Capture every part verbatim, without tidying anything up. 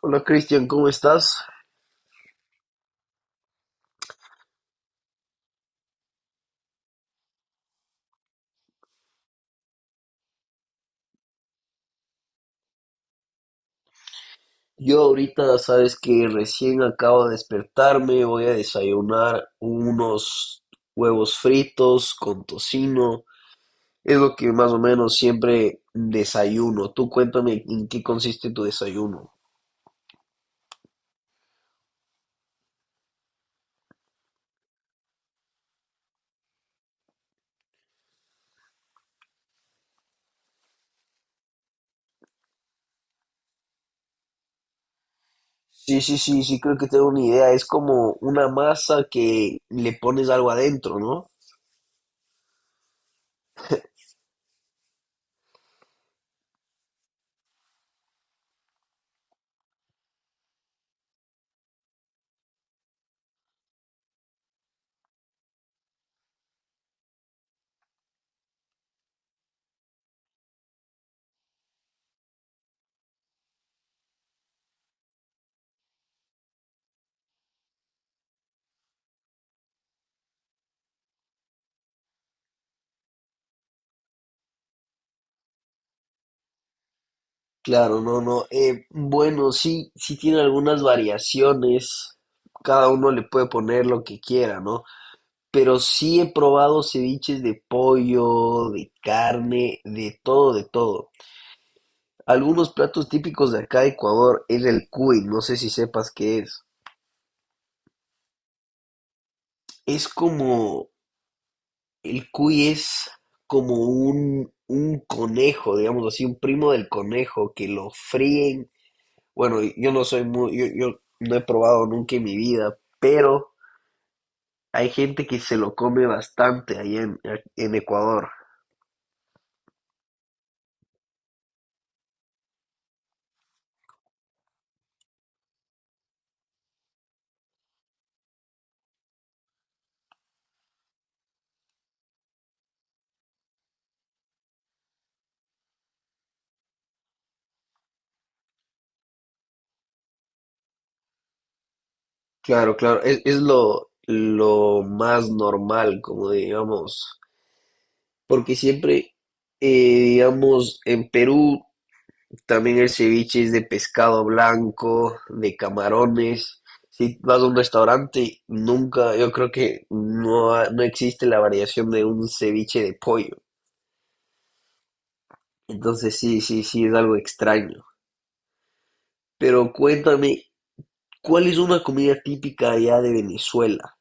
Hola Cristian, ¿cómo estás? Yo ahorita sabes que recién acabo de despertarme, voy a desayunar unos huevos fritos con tocino, es lo que más o menos siempre desayuno. Tú cuéntame en qué consiste tu desayuno. Sí, sí, sí, sí, creo que tengo una idea, es como una masa que le pones algo adentro, ¿no? Claro, no, no. Eh, bueno, sí, sí tiene algunas variaciones, cada uno le puede poner lo que quiera, ¿no? Pero sí he probado ceviches de pollo, de carne, de todo, de todo. Algunos platos típicos de acá de Ecuador es el cuy, no sé si sepas qué es. Es como, el cuy es como un, un conejo, digamos así, un primo del conejo que lo fríen. Bueno, yo no soy muy, yo, yo no he probado nunca en mi vida, pero hay gente que se lo come bastante allá en, en Ecuador. Claro, claro, es, es lo, lo más normal, como digamos, porque siempre, eh, digamos, en Perú también el ceviche es de pescado blanco, de camarones. Si vas a un restaurante, nunca, yo creo que no, ha- no existe la variación de un ceviche de pollo. Entonces sí, sí, sí, es algo extraño. Pero cuéntame, ¿cuál es una comida típica allá de Venezuela?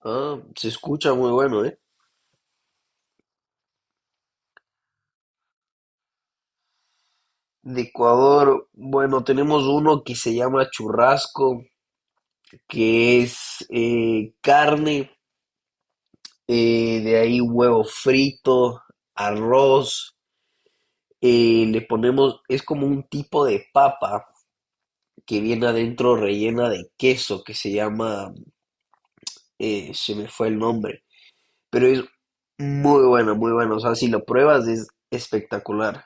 Ah, se escucha muy bueno, ¿eh? De Ecuador, bueno, tenemos uno que se llama churrasco, que es eh, carne, eh, de ahí huevo frito, arroz, eh, le ponemos, es como un tipo de papa que viene adentro rellena de queso, que se llama, eh, se me fue el nombre, pero es muy bueno, muy bueno, o sea, si lo pruebas es espectacular.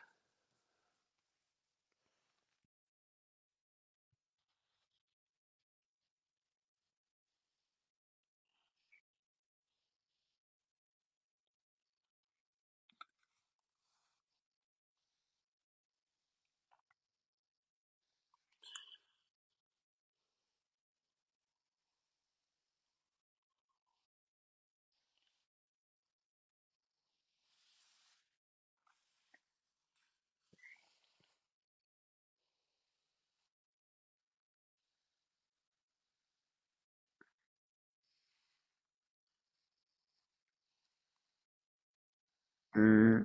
Mm,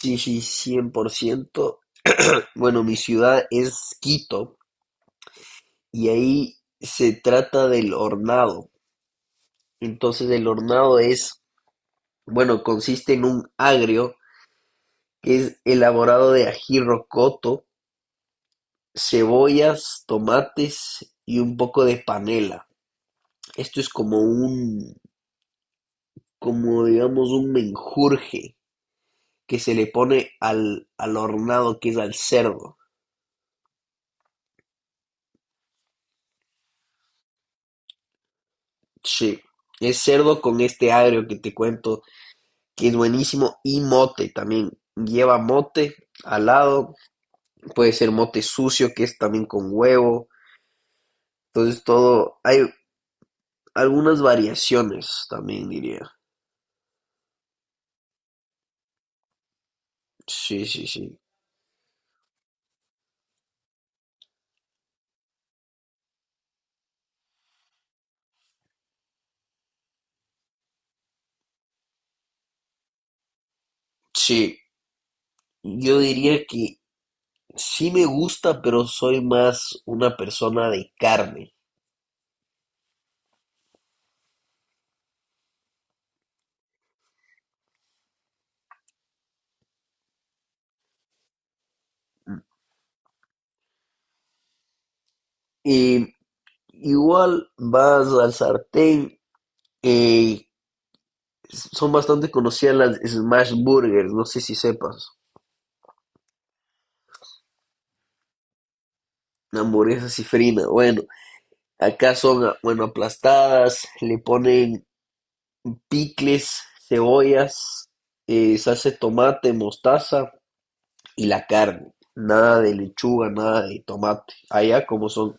sí, sí, cien por ciento. Bueno, mi ciudad es Quito, y ahí se trata del hornado. Entonces el hornado es, bueno, consiste en un agrio que es elaborado de ají rocoto, cebollas, tomates y un poco de panela. Esto es como un, como digamos un menjurje que se le pone al, al hornado que es al cerdo. Sí, es cerdo con este agrio que te cuento, que es buenísimo, y mote también. Lleva mote al lado, puede ser mote sucio, que es también con huevo. Entonces todo, hay algunas variaciones también diría. Sí, sí, sí. Sí, yo diría que sí me gusta, pero soy más una persona de carne. Y igual vas al sartén, eh, son bastante conocidas las smash burgers, no sé si sepas, hamburguesas y frina. Bueno, acá son, ah, bueno, aplastadas, le ponen picles, cebollas, eh, salsa de tomate, mostaza y la carne. Nada de lechuga, nada de tomate. Allá como son.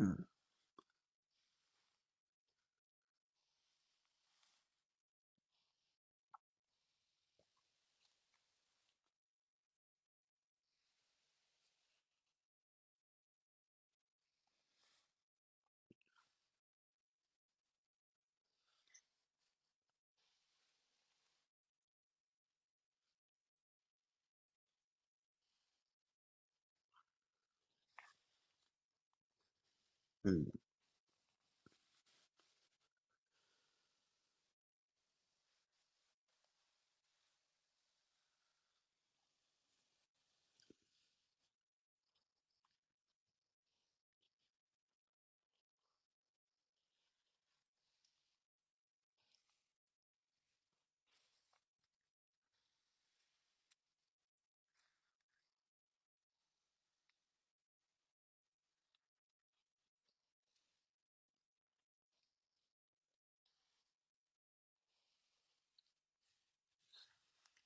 Mm, mm.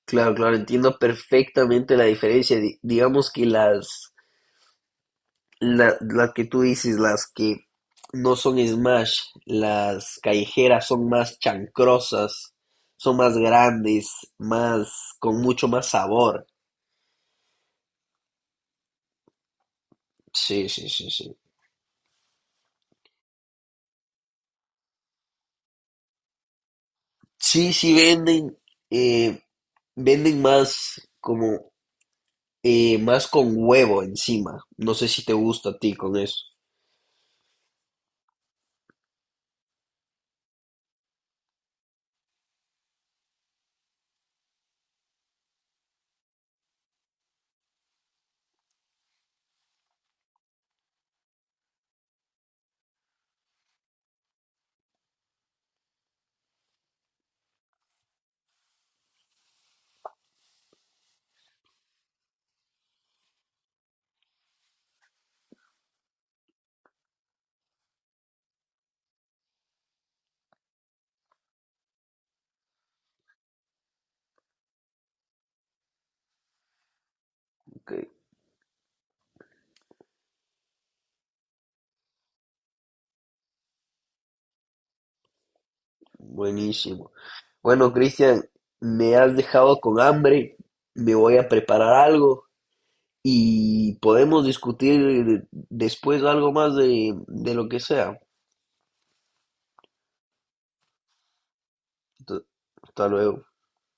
Claro, claro, entiendo perfectamente la diferencia. Di- digamos que las, la, las que tú dices, las que no son smash, las callejeras son más chancrosas, son más grandes, más, con mucho más sabor. Sí, sí, sí, sí. Sí, sí venden. eh, Venden más como eh, más con huevo encima. No sé si te gusta a ti con eso. Ok, buenísimo. Bueno, Cristian, me has dejado con hambre. Me voy a preparar algo y podemos discutir después algo más de, de lo que sea. Entonces, hasta luego.